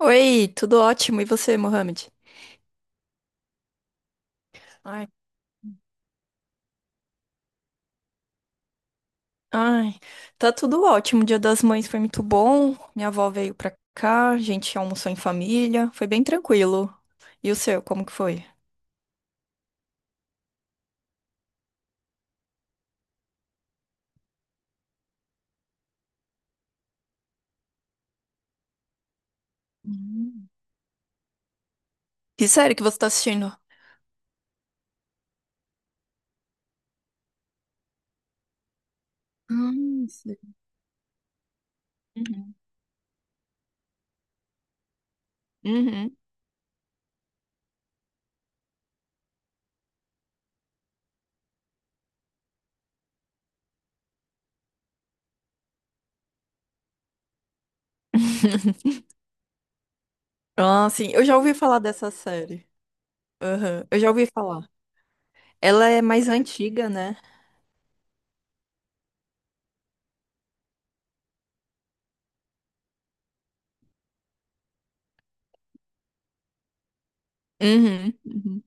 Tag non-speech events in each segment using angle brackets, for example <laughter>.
Oi, tudo ótimo. E você, Mohamed? Ai, ai, tá tudo ótimo. O Dia das Mães foi muito bom. Minha avó veio pra cá, a gente almoçou em família. Foi bem tranquilo. E o seu, como que foi? Hum. Que série que você tá assistindo? Ah, sei. Uhum. Uhum. <laughs> Ah, sim, eu já ouvi falar dessa série. Aham, eu já ouvi falar. Ela é mais antiga, né? Uhum. Uhum.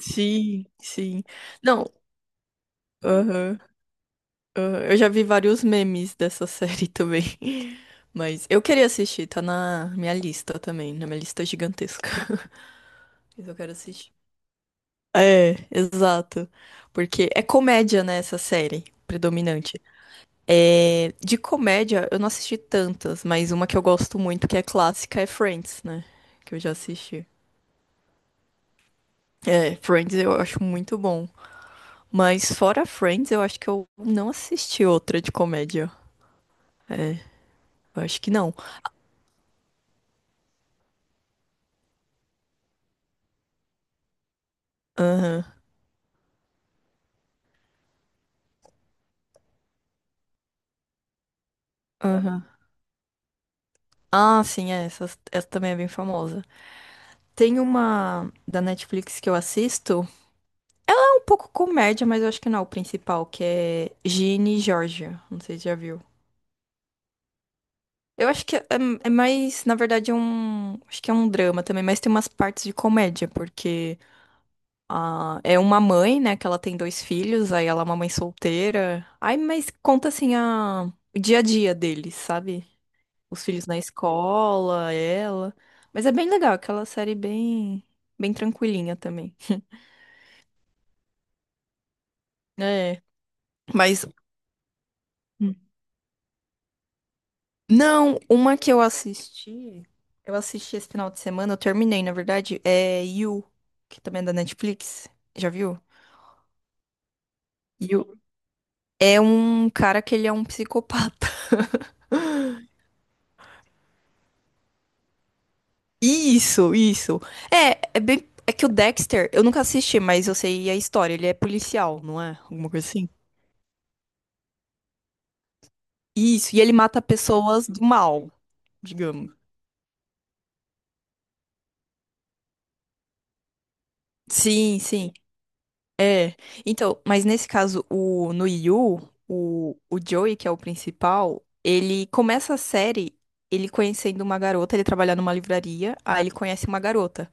Sim, sim. Não. Aham. Ah, eu já vi vários memes dessa série também. <laughs> Mas eu queria assistir, tá na minha lista também, na minha lista gigantesca. <laughs> Mas eu quero assistir. É, exato. Porque é comédia, né, essa série, predominante. É, de comédia, eu não assisti tantas, mas uma que eu gosto muito, que é clássica, é Friends, né? Que eu já assisti. É, Friends eu acho muito bom. Mas fora Friends, eu acho que eu não assisti outra de comédia. É, eu acho que não. Aham, aham. Ah, sim, é, essa também é bem famosa. Tem uma da Netflix que eu assisto, é um pouco comédia, mas eu acho que não é o principal, que é Ginny e Georgia. Não sei se já viu. Eu acho que é mais, na verdade, é um. Acho que é um drama também, mas tem umas partes de comédia, porque ah, é uma mãe, né, que ela tem dois filhos, aí ela é uma mãe solteira. Ai, mas conta assim o dia a dia deles, sabe? Os filhos na escola, ela. Mas é bem legal, aquela série bem, bem tranquilinha também. É. Mas, Hum. não, uma que eu assisti esse final de semana, eu terminei, na verdade, é You, que também é da Netflix. Já viu? You é um cara que ele é um psicopata. <laughs> Isso, isso. É bem. É que o Dexter, eu nunca assisti, mas eu sei a história. Ele é policial, não é? Alguma coisa assim. Isso, e ele mata pessoas do mal, digamos. Sim, sim. É. Então, mas nesse caso, no Yu, o Joey, que é o principal, ele começa a série ele conhecendo uma garota, ele trabalha numa livraria, aí ele conhece uma garota.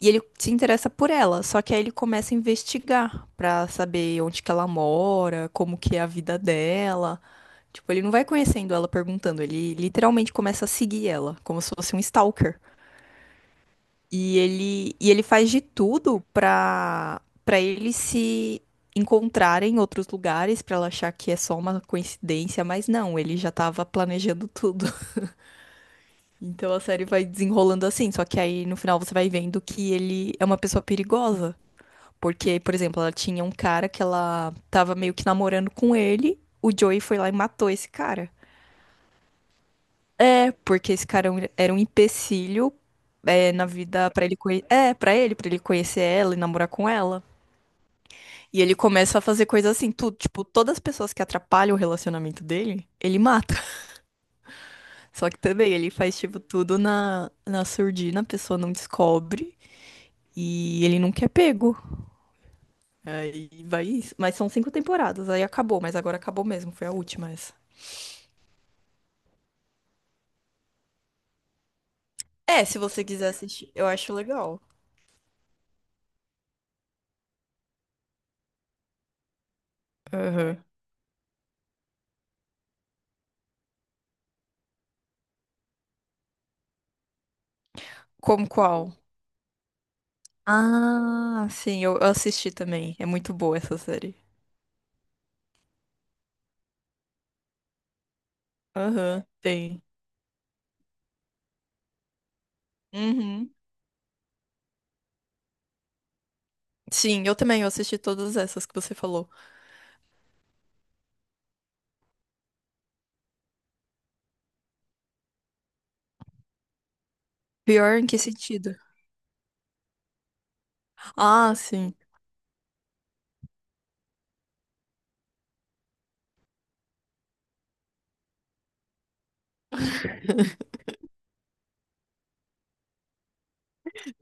E ele se interessa por ela, só que aí ele começa a investigar pra saber onde que ela mora, como que é a vida dela. Tipo, ele não vai conhecendo ela perguntando, ele literalmente começa a seguir ela, como se fosse um stalker. E ele faz de tudo pra para eles se encontrarem em outros lugares, pra ela achar que é só uma coincidência, mas não, ele já tava planejando tudo. <laughs> Então a série vai desenrolando assim, só que aí no final você vai vendo que ele é uma pessoa perigosa. Porque, por exemplo, ela tinha um cara que ela tava meio que namorando com ele, o Joey foi lá e matou esse cara. É, porque esse cara era um empecilho é, na vida é, para ele conhecer ela e namorar com ela. E ele começa a fazer coisas assim, tudo, tipo, todas as pessoas que atrapalham o relacionamento dele, ele mata. <laughs> Só que também ele faz, tipo, tudo na surdina, a pessoa não descobre e ele nunca é pego. Aí vai isso. Mas são cinco temporadas, aí acabou, mas agora acabou mesmo, foi a última essa. É, se você quiser assistir, eu acho legal. Aham. Como qual? Ah, sim, eu assisti também. É muito boa essa série. Aham, tem. Uhum. Sim, eu também, eu assisti todas essas que você falou. Pior em que sentido? Ah, sim.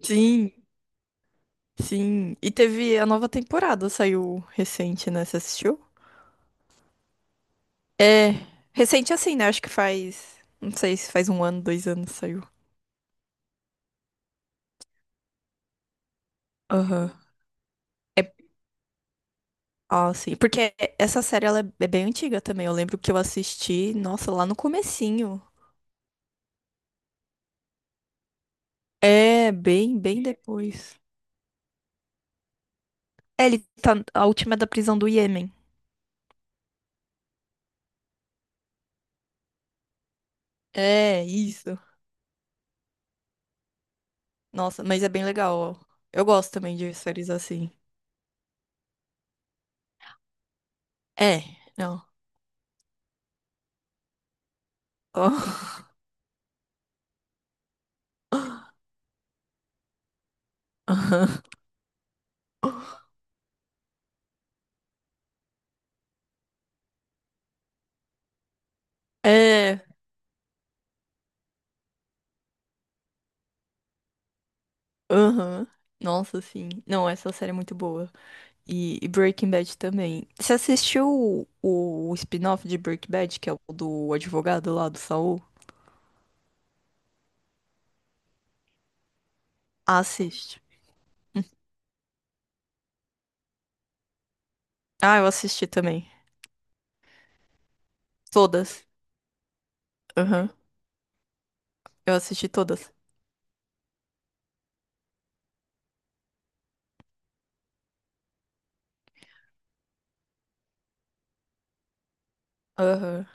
Sim, sim. E teve a nova temporada, saiu recente, né? Você assistiu? É, recente assim, né? Acho que faz. Não sei se faz 1 ano, 2 anos saiu. Aham. É, ah, sim. Porque essa série ela é bem antiga também. Eu lembro que eu assisti, nossa, lá no comecinho. É, bem, bem depois. É, ele tá. A última é da prisão do Iêmen. É, isso. Nossa, mas é bem legal. Eu gosto também de séries assim. É, não. <laughs> Ah. Aham. É, aham. Nossa, sim. Não, essa série é muito boa. E Breaking Bad também. Você assistiu o spin-off de Breaking Bad, que é o do advogado lá do Saul? Assiste. Ah, eu assisti também. Todas. Aham. Eu assisti todas. Aham.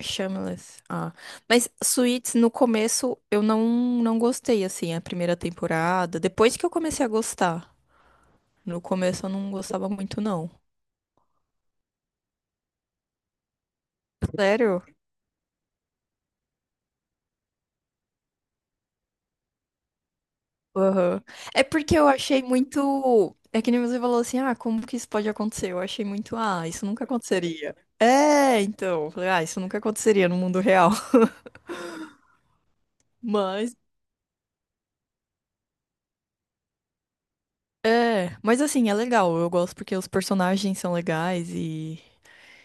Shameless. Ah. Mas Suits, no começo, eu não gostei, assim, a primeira temporada. Depois que eu comecei a gostar. No começo eu não gostava muito, não. Sério? Aham. É porque eu achei muito. É que nem você falou assim, ah, como que isso pode acontecer? Eu achei muito, ah, isso nunca aconteceria. É, então. Falei, ah, isso nunca aconteceria no mundo real. <laughs> Mas. É, mas assim, é legal. Eu gosto porque os personagens são legais e.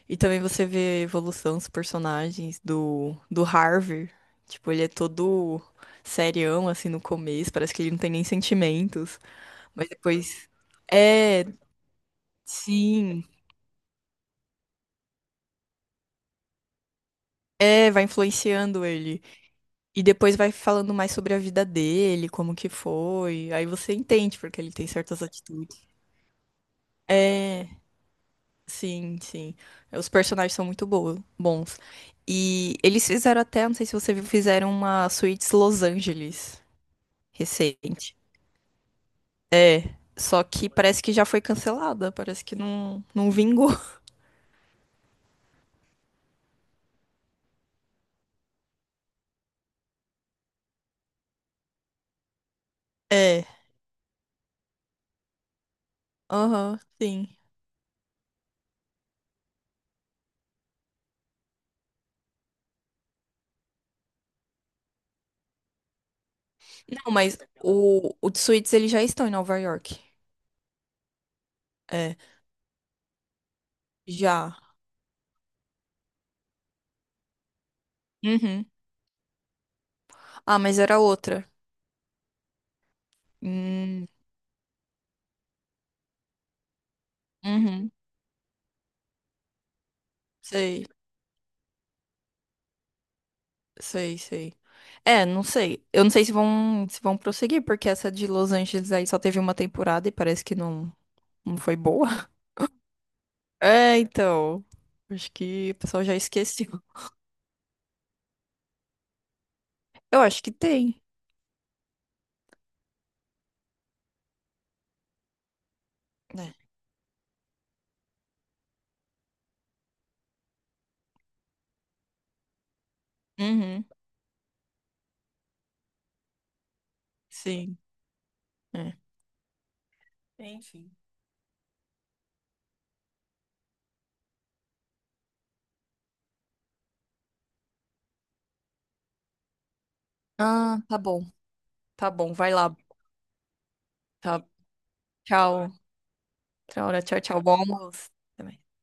E também você vê a evolução dos personagens do Harvey. Tipo, ele é todo serião, assim, no começo. Parece que ele não tem nem sentimentos. Mas depois. É, sim. É, vai influenciando ele. E depois vai falando mais sobre a vida dele, como que foi. Aí você entende porque ele tem certas atitudes. É, sim, sim. Os personagens são muito bons. E eles fizeram até, não sei se você viu, fizeram uma Suítes Los Angeles recente. É, só que parece que já foi cancelada, parece que não, não vingou. <laughs> É, aham, sim. Não, mas o de Suítes eles já estão em Nova York. É, já. Uhum. Ah, mas era outra. Hum, uhum, sei, sei, sei. É, não sei. Eu não sei se vão prosseguir, porque essa de Los Angeles aí só teve uma temporada e parece que não, não foi boa. <laughs> É, então. Acho que o pessoal já esqueceu. Eu acho que tem. Né? Uhum, sim. É. Enfim. Ah, tá bom. Tá bom, vai lá. Tá. Tchau. Tchau, tchau, tchau. Bom almoço. Até mais.